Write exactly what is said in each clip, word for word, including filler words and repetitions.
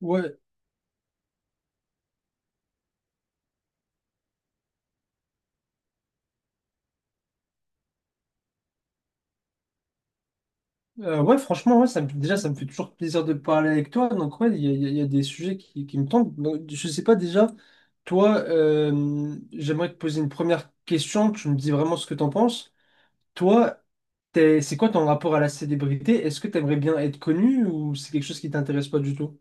Ouais, euh, ouais, franchement, ouais, ça me, déjà, ça me fait toujours plaisir de parler avec toi. Donc, ouais, il y a, il y a- il y a des sujets qui, qui me tentent. Donc, je sais pas déjà, toi, euh, j'aimerais te poser une première question. Tu me dis vraiment ce que t'en penses. Toi, t'es- c'est quoi ton rapport à la célébrité? Est-ce que t'aimerais bien être connu ou c'est quelque chose qui t'intéresse pas du tout?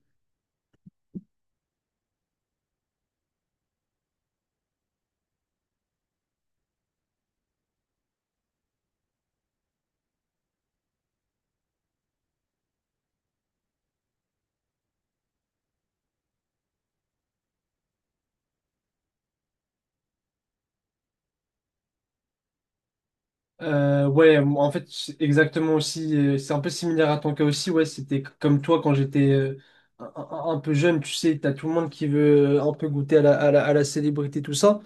Euh, ouais, moi, en fait, c'est exactement aussi. euh, C'est un peu similaire à ton cas aussi. Ouais, c'était c- comme toi quand j'étais euh, un, un- un peu jeune. Tu sais, t'as tout le monde qui veut euh, un peu goûter à la, à la, à la célébrité, tout ça.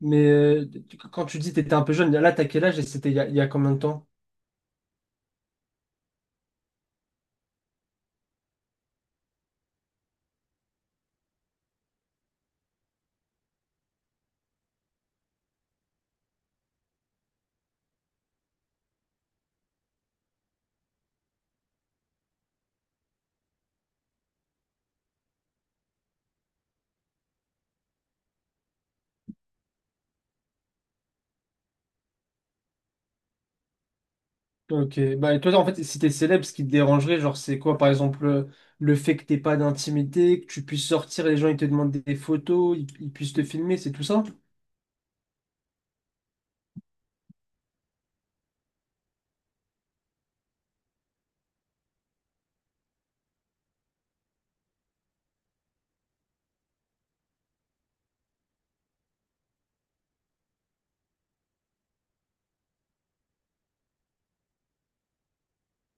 Mais euh, tu- quand tu dis t'étais un peu jeune, là, t'as quel âge et c'était il y a, il y a combien de temps? Ok, bah et toi en fait si t'es célèbre, ce qui te dérangerait, genre c'est quoi par exemple euh, le fait que t'aies pas d'intimité, que tu puisses sortir et les gens ils te demandent des photos, ils, ils puissent te filmer, c'est tout ça?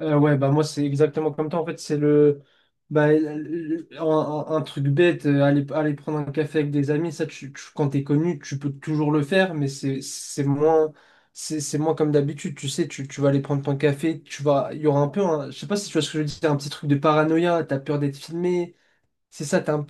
Euh, ouais, bah moi c'est exactement comme toi. En fait, c'est le, bah, le- un, un- un truc bête, euh, aller, aller prendre un café avec des amis, ça, tu, tu- quand t'es connu, tu peux toujours le faire, mais c'est c'est moins, c'est c'est moins comme d'habitude. Tu sais, tu, tu vas aller prendre ton café, tu vas, il y aura un peu, un- je sais pas si tu vois ce que je veux dire un petit truc de paranoïa, t'as peur d'être filmé, c'est ça, t'as un,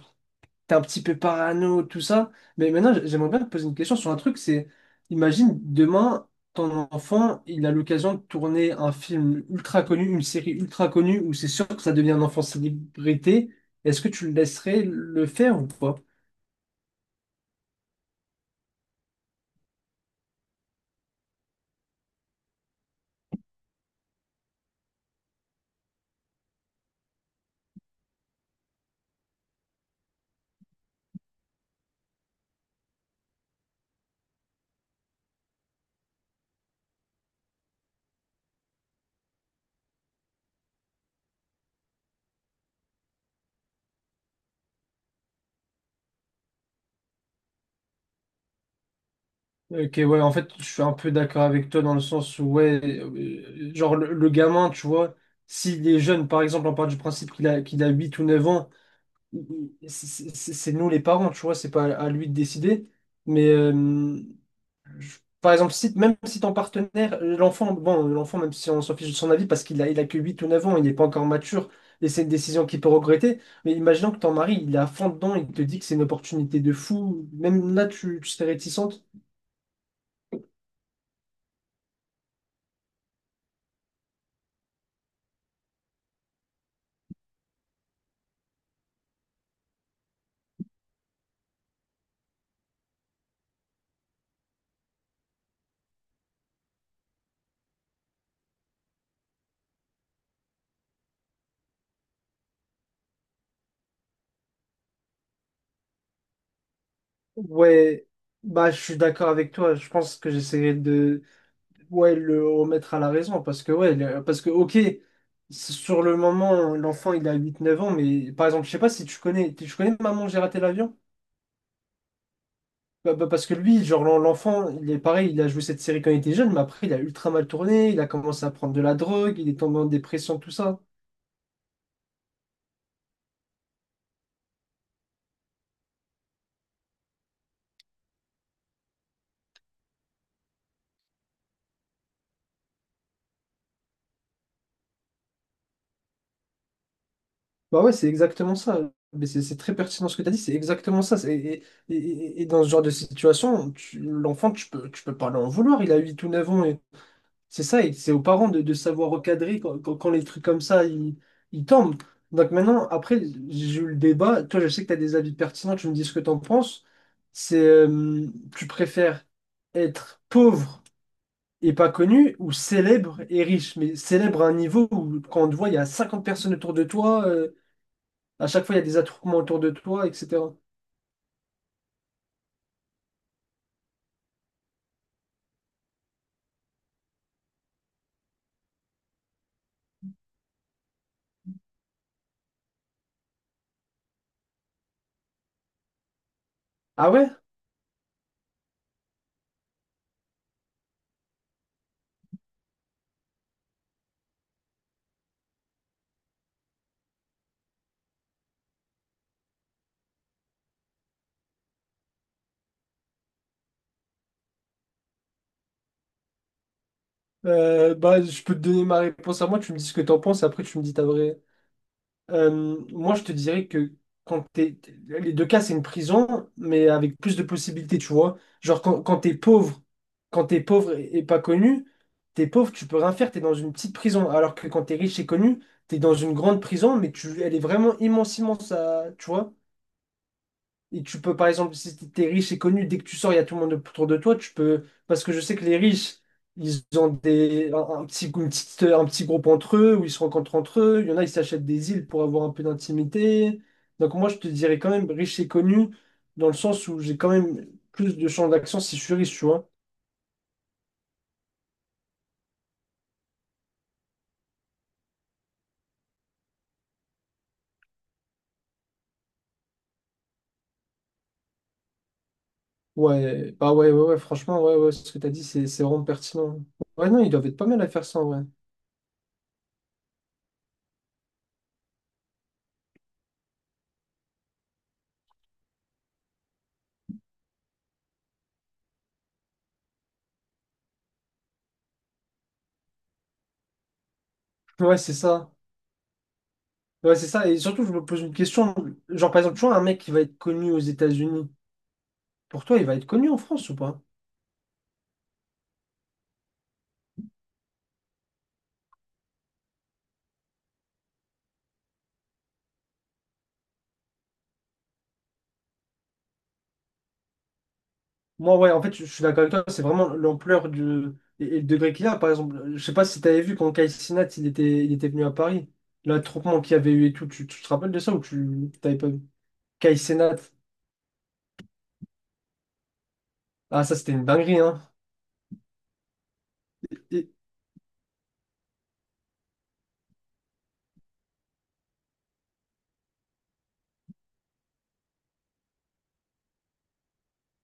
t'es un petit peu parano, tout ça. Mais maintenant, j- j'aimerais bien te poser une question sur un truc, c'est, imagine, demain, ton enfant, il a l'occasion de tourner un film ultra connu, une série ultra connue, où c'est sûr que ça devient un enfant célébrité. Est-ce que tu le laisserais le faire ou pas? Ok, ouais, en fait, je suis un peu d'accord avec toi dans le sens où, ouais, euh, genre le, le gamin, tu vois, s'il est jeune, par exemple, on part du principe qu'il a, qu'il a huit ou neuf ans, il- il- c'est c'est- c'est nous les parents, tu vois, c'est pas à lui de décider. Mais euh, Je- Par exemple, si, même si ton partenaire, l'enfant, bon, l'enfant, même si on s'en fiche de son avis, parce qu'il a, il a que huit ou neuf ans, il n'est pas encore mature, et c'est une décision qu'il peut regretter, mais imaginons que ton mari, il est à fond dedans, il te dit que c'est une opportunité de fou, même là, tu, tu serais réticente. Ouais, bah, je suis d'accord avec toi, je pense que j'essaierai de, ouais, le remettre à la raison, parce que, ouais, le- parce que, ok, sur le moment, l'enfant, il a huit, neuf ans, mais par exemple, je sais pas si tu connais, tu connais Maman, j'ai raté l'avion? Bah- bah, parce que lui, genre l'en- l'enfant, il est pareil, il a joué cette série quand il était jeune, mais après il a ultra mal tourné, il a commencé à prendre de la drogue, il est tombé en dépression, tout ça. Bah ouais, c'est exactement ça. Mais c'est c'est très pertinent ce que tu as dit, c'est exactement ça. C'est- Et, et- et- et dans ce genre de situation, tu- l'enfant, tu peux, tu peux pas l'en vouloir. Il a 8 ou neuf ans. C'est ça, et c'est aux parents de, de savoir recadrer quand, quand- quand les trucs comme ça, ils, ils tombent. Donc maintenant, après, j'ai eu le débat. Toi, je sais que tu as des avis pertinents, tu me dis ce que tu en penses. C'est, euh, tu préfères être pauvre et pas connu ou célèbre et riche? Mais célèbre à un niveau où, quand on te voit, il y a cinquante personnes autour de toi, euh, à chaque fois, il y a des attroupements autour de toi, et cetera. Ah ouais? Euh, bah, je peux te donner ma réponse à moi, tu me dis ce que tu en penses, et après, tu me dis ta vraie. Euh, moi, je te dirais que quand t'es... Les deux cas, c'est une prison, mais avec plus de possibilités, tu vois. Genre, quand, quand t'es pauvre, quand t'es pauvre et, et pas connu, t'es pauvre, tu peux rien faire, t'es dans une petite prison. Alors que quand t'es riche et connu, t'es dans une grande prison, mais tu, elle est vraiment immense, immense, à- tu vois. Et tu peux, par exemple, si t'es riche et connu, dès que tu sors, il y a tout le monde autour de toi, tu peux. Parce que je sais que les riches, ils ont des... un, un petit, une petite- un petit groupe entre eux, où ils se rencontrent entre eux. Il y en a, ils s'achètent des îles pour avoir un peu d'intimité. Donc moi, je te dirais quand même riche et connu, dans le sens où j'ai quand même plus de champs d'action si je suis riche, tu vois. Ouais, bah ouais, ouais, ouais, franchement, ouais, ouais, ce que t'as dit, c'est c'est vraiment pertinent. Ouais, non, ils doivent être pas mal à faire ça, ouais. Ouais, c'est ça. Ouais, c'est ça. Et surtout, je me pose une question. Genre, par exemple, tu vois, un mec qui va être connu aux États-Unis, pour toi, il va être connu en France ou pas? Moi, ouais, en fait, je je suis d'accord avec toi. C'est vraiment l'ampleur du... et, et le degré qu'il a. Par exemple, je sais pas si tu avais vu quand Kai Cenat, il était, il était venu à Paris. L'attroupement qu'il y avait eu et tout. Tu, tu te rappelles de ça ou tu t'avais pas vu? Kai Cenat. Ah, ça, c'était une dinguerie, hein. Et-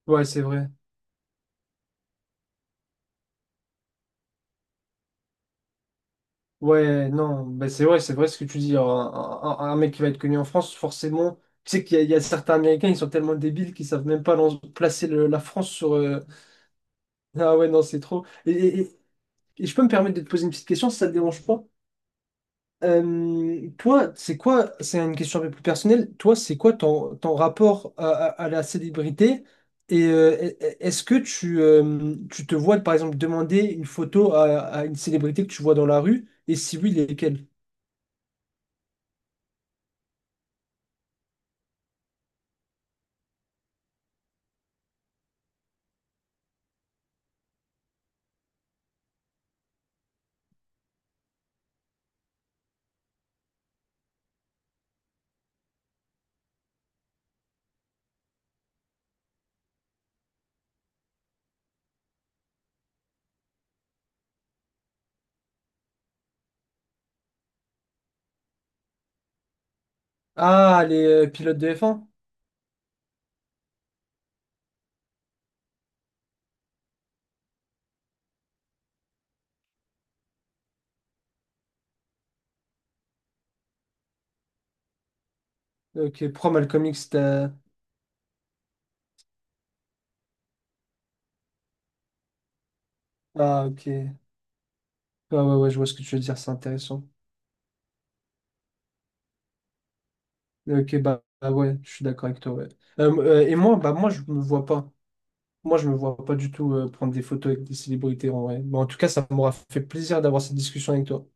Ouais, c'est vrai. Ouais, non, ben c'est vrai, c'est vrai ce que tu dis. Un, un- un mec qui va être connu en France, forcément, tu sais qu'il y, a il y a certains Américains, ils sont tellement débiles qu'ils savent même pas lan- placer le- la France sur. euh, Ah ouais, non, c'est trop. Et, et- et- et je peux me permettre de te poser une petite question si ça te dérange pas. Euh, toi, c'est quoi, c'est une question un peu plus personnelle, toi, c'est quoi ton, ton rapport à, à- à la célébrité? Et euh, e- e- est-ce que tu, euh, tu te vois, par exemple, demander une photo à, à une célébrité que tu vois dans la rue? Et si oui, lesquelles? Ah, les euh, pilotes de F un? Ok, pourquoi Malcolm X, t'as- Ah, ok. Ouais, ouais, ouais, je vois ce que tu veux dire, c'est intéressant. Ok, bah, bah ouais, je suis d'accord avec toi, ouais. Euh, euh, et moi, bah moi, je me vois pas. Moi, je me vois pas du tout euh, prendre des photos avec des célébrités, en vrai. Mais en tout cas, ça m'aura fait plaisir d'avoir cette discussion avec toi.